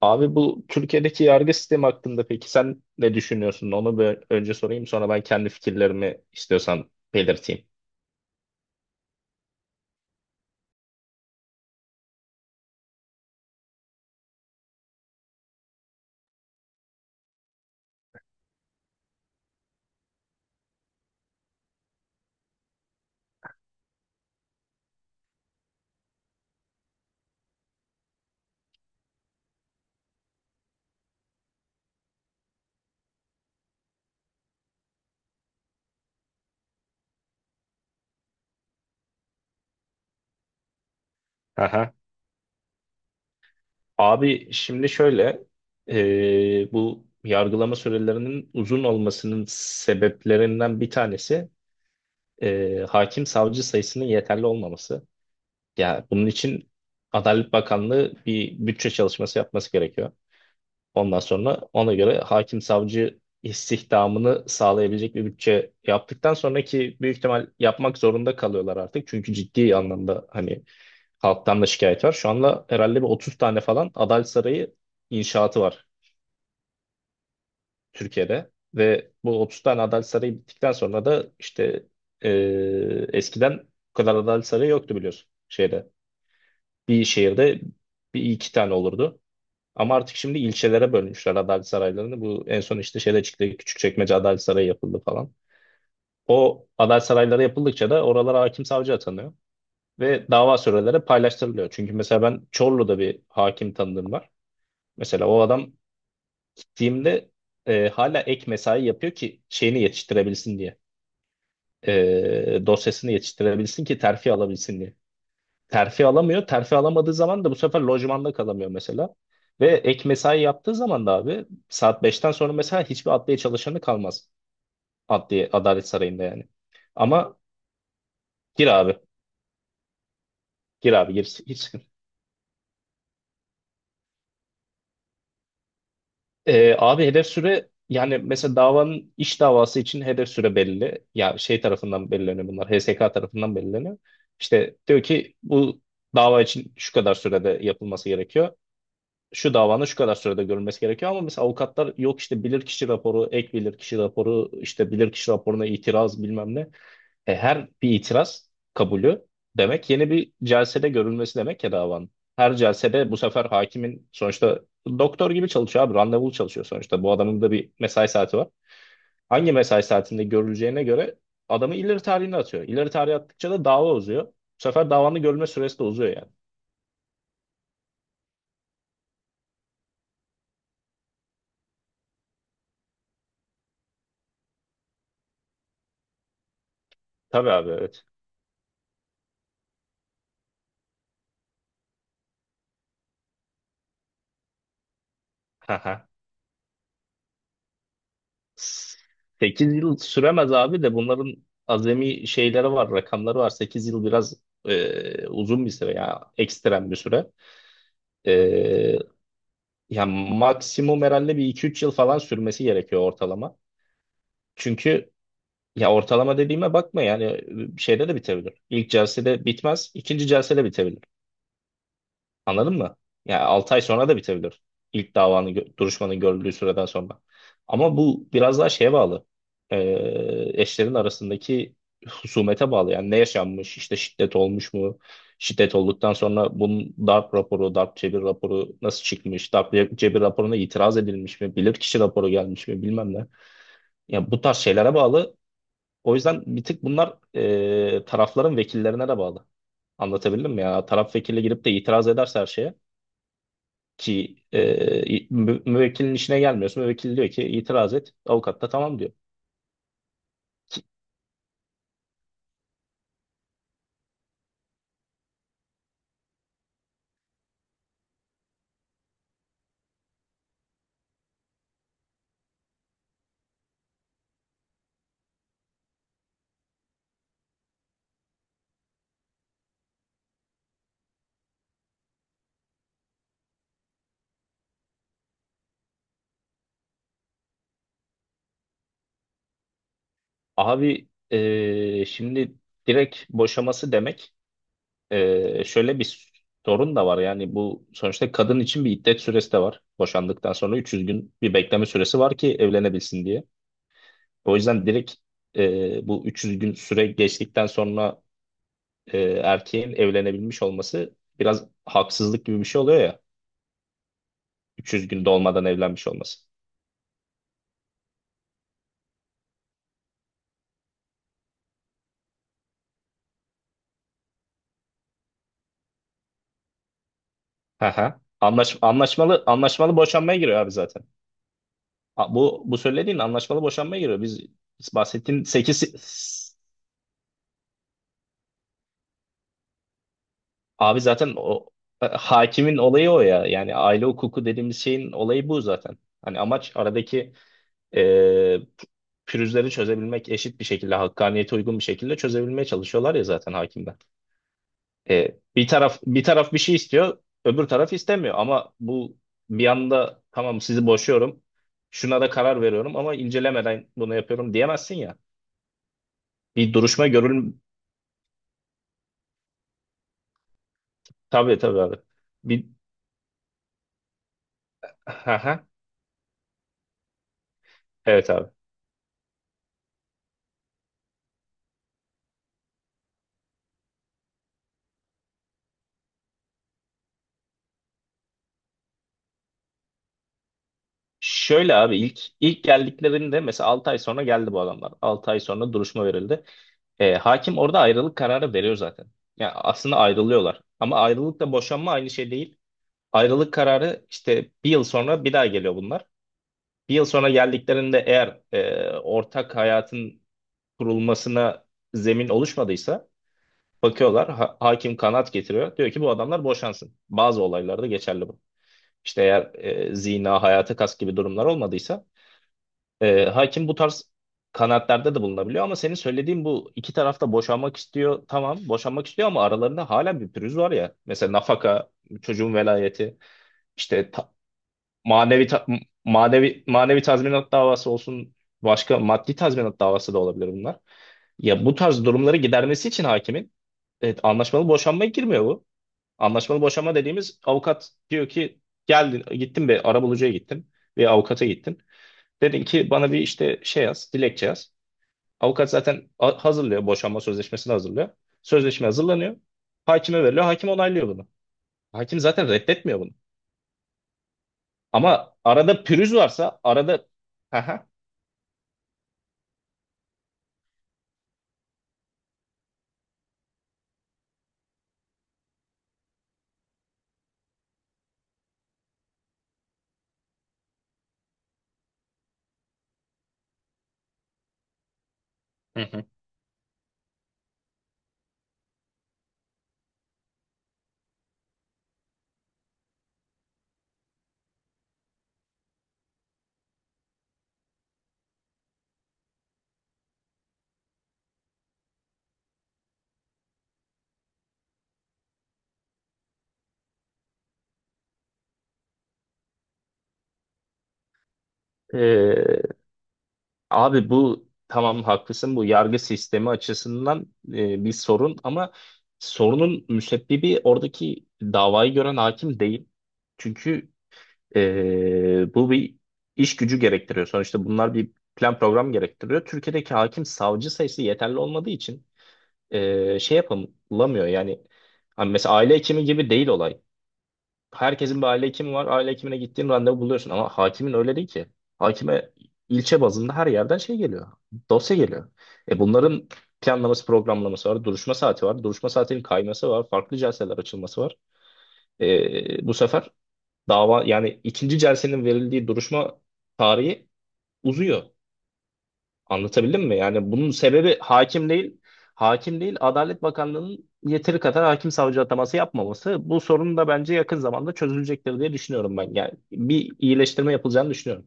Abi, bu Türkiye'deki yargı sistemi hakkında peki sen ne düşünüyorsun? Onu bir önce sorayım, sonra ben kendi fikirlerimi istiyorsan belirteyim. Aha. Abi şimdi şöyle, bu yargılama sürelerinin uzun olmasının sebeplerinden bir tanesi hakim savcı sayısının yeterli olmaması. Ya bunun için Adalet Bakanlığı bir bütçe çalışması yapması gerekiyor. Ondan sonra ona göre hakim savcı istihdamını sağlayabilecek bir bütçe yaptıktan sonraki büyük ihtimal yapmak zorunda kalıyorlar artık. Çünkü ciddi anlamda hani halktan da şikayet var. Şu anda herhalde bir 30 tane falan Adalet Sarayı inşaatı var Türkiye'de. Ve bu 30 tane Adalet Sarayı bittikten sonra da işte eskiden bu kadar Adalet Sarayı yoktu biliyorsun şeyde. Bir şehirde bir iki tane olurdu. Ama artık şimdi ilçelere bölmüşler adalet saraylarını. Bu en son işte şeyde çıktı. Küçükçekmece Adalet Sarayı yapıldı falan. O adalet sarayları yapıldıkça da oralara hakim savcı atanıyor. Ve dava süreleri paylaştırılıyor. Çünkü mesela ben Çorlu'da bir hakim tanıdığım var. Mesela o adam gittiğimde hala ek mesai yapıyor ki şeyini yetiştirebilsin diye. Dosyasını yetiştirebilsin ki terfi alabilsin diye. Terfi alamıyor. Terfi alamadığı zaman da bu sefer lojmanda kalamıyor mesela. Ve ek mesai yaptığı zaman da abi, saat beşten sonra mesela hiçbir adliye çalışanı kalmaz. Adliye, Adalet Sarayı'nda yani. Ama gir abi. Gir abi, gir. Hiç sıkıntı. Abi hedef süre yani mesela davanın iş davası için hedef süre belli. Ya şey tarafından belirleniyor bunlar. HSK tarafından belirleniyor. İşte diyor ki bu dava için şu kadar sürede yapılması gerekiyor. Şu davanın şu kadar sürede görülmesi gerekiyor ama mesela avukatlar yok işte bilirkişi raporu, ek bilirkişi raporu, işte bilirkişi raporuna itiraz bilmem ne. Her bir itiraz kabulü demek yeni bir celsede görülmesi demek ya davanın. Her celsede bu sefer hakimin sonuçta doktor gibi çalışıyor abi, randevulu çalışıyor sonuçta. Bu adamın da bir mesai saati var. Hangi mesai saatinde görüleceğine göre adamı ileri tarihine atıyor. İleri tarihe attıkça da dava uzuyor. Bu sefer davanın görülme süresi de uzuyor yani. Tabii abi, evet. 8 yıl süremez abi de bunların azami şeyleri var, rakamları var. 8 yıl biraz uzun bir süre ya, ekstrem bir süre. E, Ya maksimum herhalde bir 2-3 yıl falan sürmesi gerekiyor ortalama. Çünkü ya ortalama dediğime bakma yani, şeyde de bitebilir. İlk celsede bitmez, ikinci celsede bitebilir. Anladın mı? Yani 6 ay sonra da bitebilir. İlk davanın duruşmanın görüldüğü süreden sonra. Ama bu biraz daha şeye bağlı. Ee, Eşlerin arasındaki husumete bağlı. Yani ne yaşanmış, işte şiddet olmuş mu? Şiddet olduktan sonra bunun darp raporu, darp cebir raporu nasıl çıkmış? Darp cebir raporuna itiraz edilmiş mi? Bilirkişi raporu gelmiş mi? Bilmem ne. Yani bu tarz şeylere bağlı. O yüzden bir tık bunlar tarafların vekillerine de bağlı. Anlatabildim mi? Yani taraf vekili girip de itiraz ederse her şeye ki müvekkilin işine gelmiyorsun. Müvekkil diyor ki itiraz et. Avukat da tamam diyor. Abi, şimdi direkt boşaması demek şöyle bir sorun da var. Yani bu sonuçta kadın için bir iddet süresi de var. Boşandıktan sonra 300 gün bir bekleme süresi var ki evlenebilsin diye. O yüzden direkt bu 300 gün süre geçtikten sonra erkeğin evlenebilmiş olması biraz haksızlık gibi bir şey oluyor ya. 300 gün dolmadan evlenmiş olması. Aha. Anlaşmalı boşanmaya giriyor abi zaten. Bu söylediğin anlaşmalı boşanmaya giriyor. Biz bahsettiğin 8, abi zaten o hakimin olayı o ya. Yani aile hukuku dediğimiz şeyin olayı bu zaten. Hani amaç aradaki e, pürüzleri çözebilmek, eşit bir şekilde hakkaniyete uygun bir şekilde çözebilmeye çalışıyorlar ya zaten hakimler. Bir taraf bir şey istiyor, öbür taraf istemiyor. Ama bu bir anda tamam sizi boşuyorum, şuna da karar veriyorum ama incelemeden bunu yapıyorum diyemezsin ya. Bir duruşma görül tabii, tabii abi. Bir Aha, evet abi. Şöyle abi ilk geldiklerinde mesela 6 ay sonra geldi bu adamlar. 6 ay sonra duruşma verildi. Hakim orada ayrılık kararı veriyor zaten. Yani aslında ayrılıyorlar. Ama ayrılıkla boşanma aynı şey değil. Ayrılık kararı işte bir yıl sonra bir daha geliyor bunlar. Bir yıl sonra geldiklerinde eğer ortak hayatın kurulmasına zemin oluşmadıysa bakıyorlar, hakim kanaat getiriyor. Diyor ki bu adamlar boşansın. Bazı olaylarda geçerli bu. İşte eğer zina, hayata kast gibi durumlar olmadıysa hakim bu tarz kanaatlerde de bulunabiliyor. Ama senin söylediğin bu iki tarafta boşanmak istiyor. Tamam, boşanmak istiyor ama aralarında hala bir pürüz var ya. Mesela nafaka, çocuğun velayeti, işte manevi ta- manevi tazminat davası olsun, başka maddi tazminat davası da olabilir bunlar. Ya bu tarz durumları gidermesi için hakimin, evet, anlaşmalı boşanmaya girmiyor bu. Anlaşmalı boşanma dediğimiz avukat diyor ki geldin, gittin bir arabulucuya gittin ve avukata gittin. Dedin ki bana bir işte şey yaz, dilekçe yaz. Avukat zaten hazırlıyor, boşanma sözleşmesini hazırlıyor. Sözleşme hazırlanıyor. Hakime veriliyor. Hakim onaylıyor bunu. Hakim zaten reddetmiyor bunu. Ama arada pürüz varsa arada Hı hı. Ee, Abi bu tamam, haklısın, bu yargı sistemi açısından bir sorun ama sorunun müsebbibi oradaki davayı gören hakim değil. Çünkü bu bir iş gücü gerektiriyor. Sonuçta bunlar bir plan program gerektiriyor. Türkiye'deki hakim savcı sayısı yeterli olmadığı için şey yapamıyor yani. Hani mesela aile hekimi gibi değil olay. Herkesin bir aile hekimi var. Aile hekimine gittiğin randevu buluyorsun ama hakimin öyle değil ki. Hakime ilçe bazında her yerden şey geliyor. Dosya geliyor. Bunların planlaması, programlaması var. Duruşma saati var. Duruşma saatinin kayması var. Farklı celseler açılması var. Bu sefer dava yani ikinci celsenin verildiği duruşma tarihi uzuyor. Anlatabildim mi? Yani bunun sebebi hakim değil. Hakim değil, Adalet Bakanlığı'nın yeteri kadar hakim savcı ataması yapmaması. Bu sorun da bence yakın zamanda çözülecektir diye düşünüyorum ben. Yani bir iyileştirme yapılacağını düşünüyorum.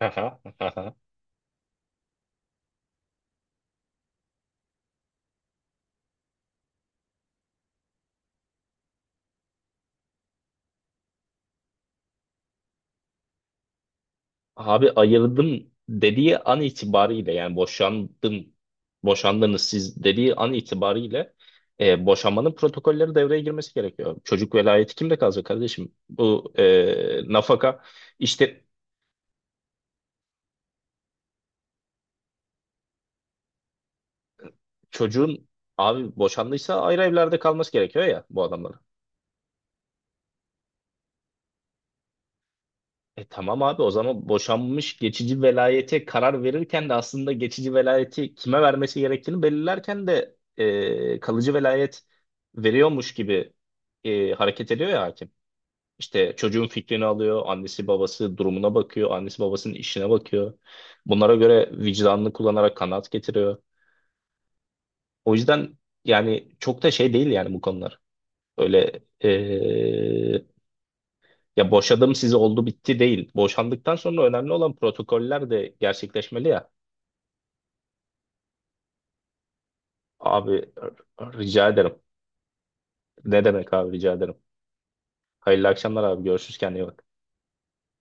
Aha, aha. Abi ayırdım dediği an itibariyle yani, boşandım, boşandınız siz dediği an itibariyle boşanmanın protokolleri devreye girmesi gerekiyor. Çocuk velayeti kimde kalacak kardeşim? Bu nafaka işte çocuğun, abi boşandıysa ayrı evlerde kalması gerekiyor ya bu adamların. Tamam abi, o zaman boşanmış, geçici velayete karar verirken de aslında geçici velayeti kime vermesi gerektiğini belirlerken de kalıcı velayet veriyormuş gibi hareket ediyor ya hakim. İşte çocuğun fikrini alıyor, annesi babası durumuna bakıyor, annesi babasının işine bakıyor. Bunlara göre vicdanını kullanarak kanaat getiriyor. O yüzden yani çok da şey değil yani bu konular. Öyle e, Ya boşadım sizi, oldu bitti değil. Boşandıktan sonra önemli olan protokoller de gerçekleşmeli ya. Abi rica ederim. Ne demek abi, rica ederim. Hayırlı akşamlar abi. Görüşürüz, kendine iyi bak.